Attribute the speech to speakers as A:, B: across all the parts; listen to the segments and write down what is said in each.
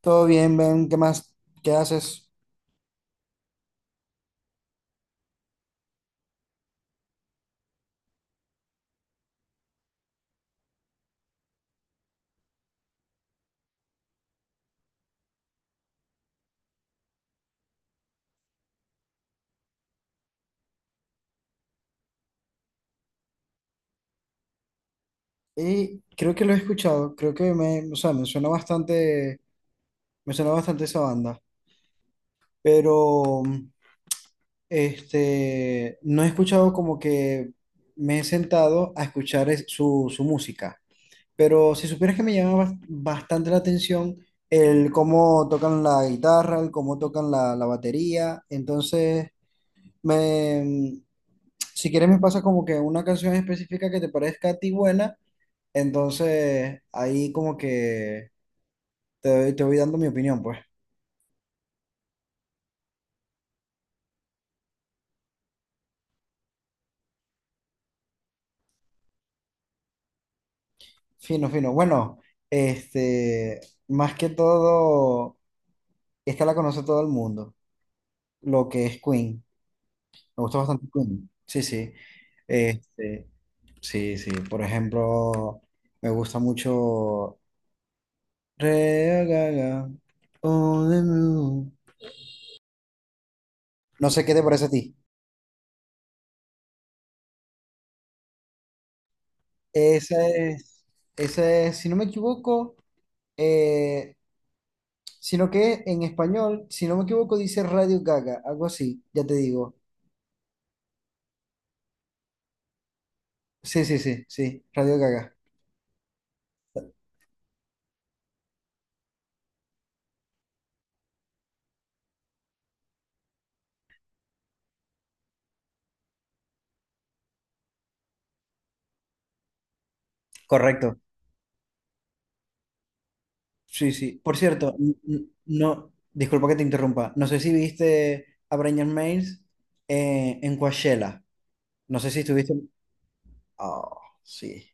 A: Todo bien, Ben, ¿qué más? ¿Qué haces? Y creo que lo he escuchado, creo que me suena bastante esa banda, pero no he escuchado como que me he sentado a escuchar su música, pero si supieras que me llama bastante la atención el cómo tocan la guitarra, el cómo tocan la batería. Entonces me, si quieres me pasa como que una canción específica que te parezca a ti buena. Entonces, ahí como que te voy dando mi opinión, pues. Fino, fino. Bueno, este, más que todo, esta la conoce todo el mundo, lo que es Queen. Me gusta bastante Queen. Sí, sí. Este, sí, sí. Por ejemplo, me gusta mucho Red on the Moon. No sé qué te parece a ti. Esa es, esa es, si no me equivoco, eh, sino que en español, si no me equivoco, dice Radio Gaga, algo así, ya te digo. Sí, sí, sí, sí, Radio Gaga. Correcto. Sí, sí. Por cierto, no, disculpa que te interrumpa. No sé si viste a Brian Mays en Coachella. No sé si estuviste. Oh, sí.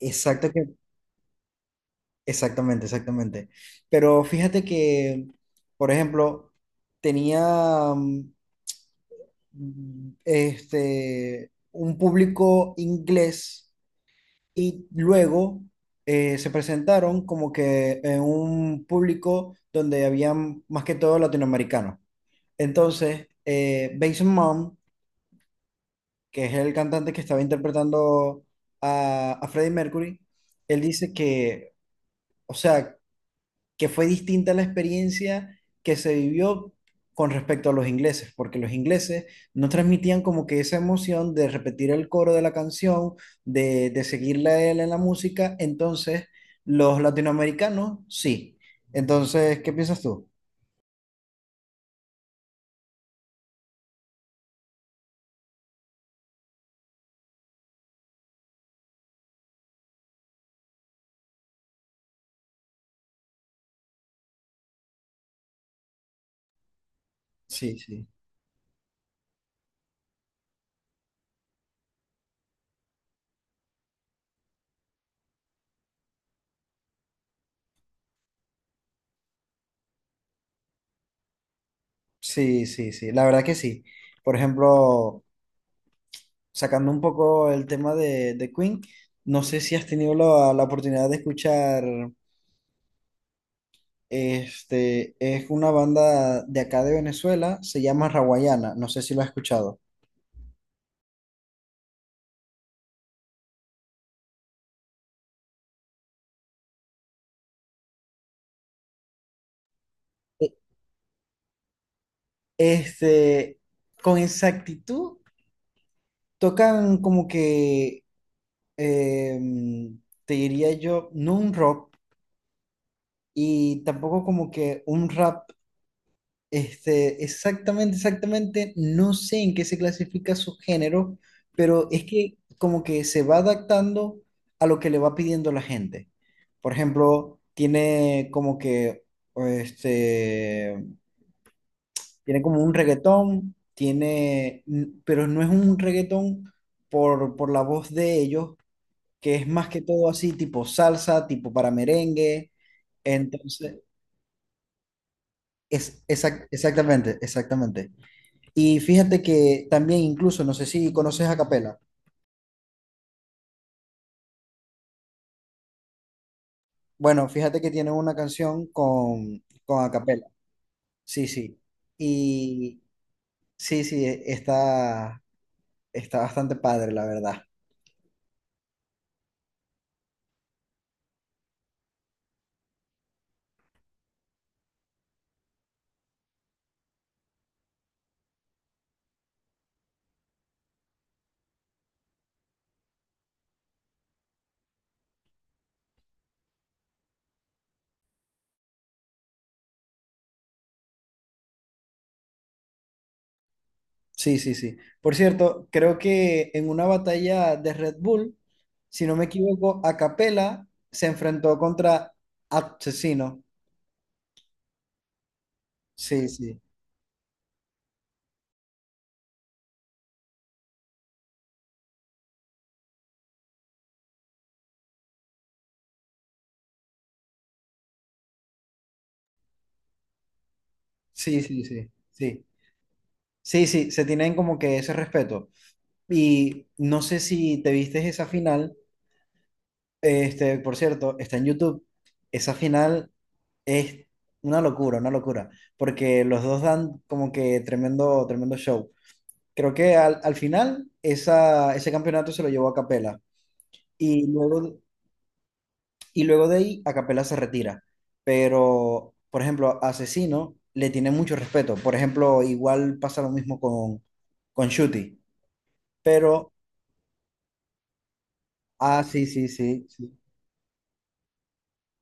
A: Exacto que, exactamente, exactamente. Pero fíjate que, por ejemplo, tenía un público inglés y luego se presentaron como que en un público donde habían más que todo latinoamericanos. Entonces, Mason Mount, que es el cantante que estaba interpretando a Freddie Mercury, él dice que, o sea, que fue distinta la experiencia que se vivió con respecto a los ingleses, porque los ingleses no transmitían como que esa emoción de repetir el coro de la canción, de seguirla a él en la música. Entonces los latinoamericanos sí. Entonces, ¿qué piensas tú? Sí, sí. Sí, sí, sí, la verdad que sí. Por ejemplo, sacando un poco el tema de Queen, no sé si has tenido la oportunidad de escuchar. Es una banda de acá de Venezuela, se llama Rawayana, no sé si lo has escuchado. E- Este, con exactitud, tocan como que, em, te diría yo, no un rock y tampoco como que un rap. Exactamente, exactamente, no sé en qué se clasifica su género, pero es que como que se va adaptando a lo que le va pidiendo la gente. Por ejemplo, tiene como que, este, tiene como un reggaetón, tiene, pero no es un reggaetón por la voz de ellos, que es más que todo así, tipo salsa, tipo para merengue. Entonces, es, exactamente, exactamente. Y fíjate que también incluso, no sé si conoces a Capela. Bueno, fíjate que tiene una canción con a Capela. Sí, sí. Y sí, sí, está, está bastante padre, la verdad. Sí, sí, sí. Por cierto, creo que en una batalla de Red Bull, si no me equivoco, a Capela se enfrentó contra Asesino. Sí, sí, sí, sí, sí, sí. Sí, sí, se tienen como que ese respeto. Y no sé si te viste esa final. Por cierto, está en YouTube. Esa final es una locura, porque los dos dan como que tremendo, tremendo show. Creo que al final esa, ese campeonato se lo llevó a Capela y luego, y luego de ahí a Capela se retira. Pero, por ejemplo, a Asesino le tiene mucho respeto. Por ejemplo, igual pasa lo mismo con Shuti. Pero, ah, sí, sí, sí. Sí.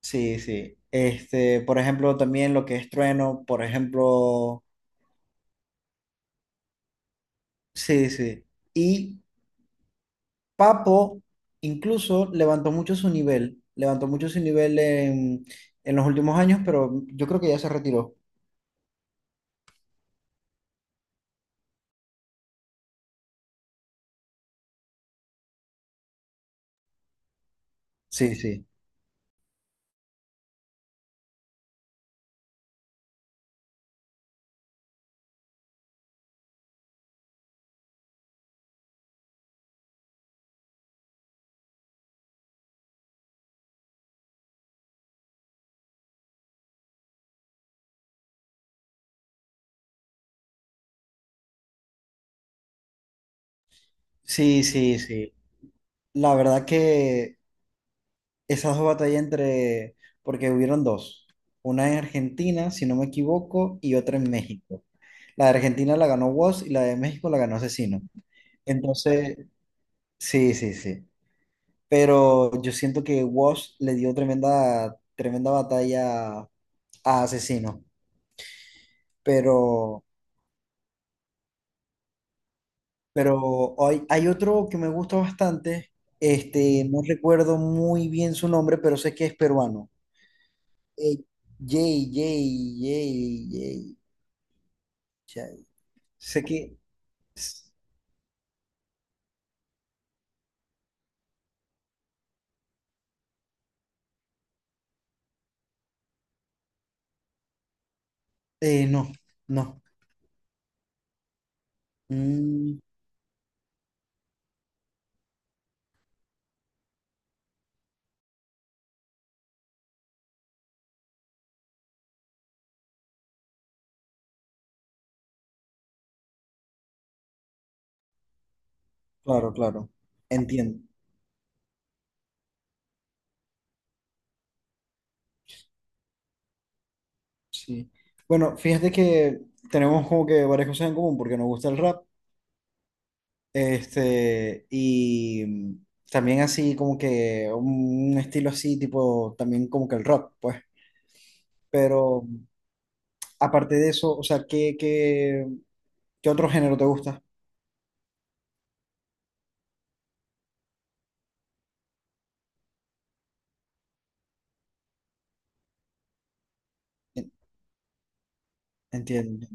A: Sí, sí. Por ejemplo, también lo que es Trueno, por ejemplo, sí, sí. Y Papo incluso levantó mucho su nivel, levantó mucho su nivel en los últimos años, pero yo creo que ya se retiró. Sí, sí. Sí, sí, sí. La verdad que esas dos batallas entre, porque hubieron dos, una en Argentina, si no me equivoco, y otra en México. La de Argentina la ganó Woz y la de México la ganó Asesino. Entonces, sí, sí, sí, pero yo siento que Wash le dio tremenda, tremenda batalla a Asesino. Pero, pero hay, hay otro que me gusta bastante, no recuerdo muy bien su nombre, pero sé que es peruano. Eh, Jay, Jay, Jay, Jay, Jay. Sé que... no, no. Mm, claro, claro. Entiendo. Sí. Bueno, fíjate que tenemos como que varias cosas en común porque nos gusta el rap. Y también así como que un estilo así, tipo, también como que el rock, pues. Pero aparte de eso, o sea, ¿qué, qué, qué otro género te gusta? En- Entiendo.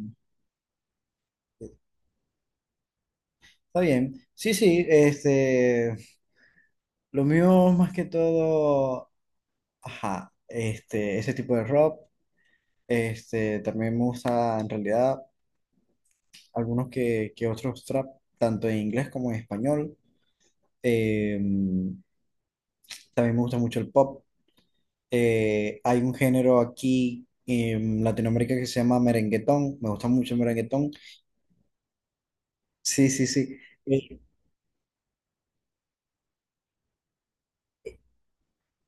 A: Está bien. Sí, sí, lo mío más que todo, ajá, ese tipo de rock, también me gusta en realidad algunos que otros trap, tanto en inglés como en español. Em, también me gusta mucho el pop. Hay un género aquí en Latinoamérica que se llama merenguetón. Me gusta mucho el merenguetón. Sí, sí, sí. Eh,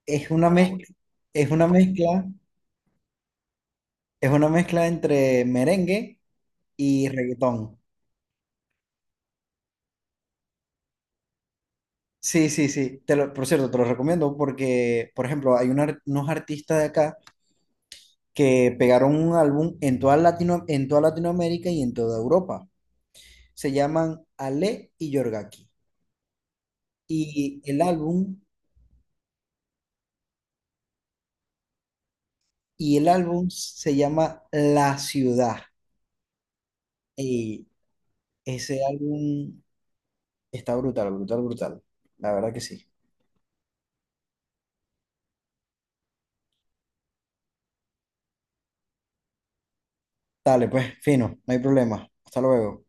A: es una... Ah, bueno, mezcla, es una mezcla, es una mezcla entre merengue y reggaetón. Sí, sí, sí. Por cierto, te lo recomiendo porque, por ejemplo, hay unos artistas de acá que pegaron un álbum en toda Latino, en toda Latinoamérica y en toda Europa. Se llaman Ale y Yorgaki. Y el álbum y el álbum se llama La Ciudad. Y ese álbum está brutal, brutal, brutal. La verdad que sí. Dale, pues, fino, no hay problema. Hasta luego.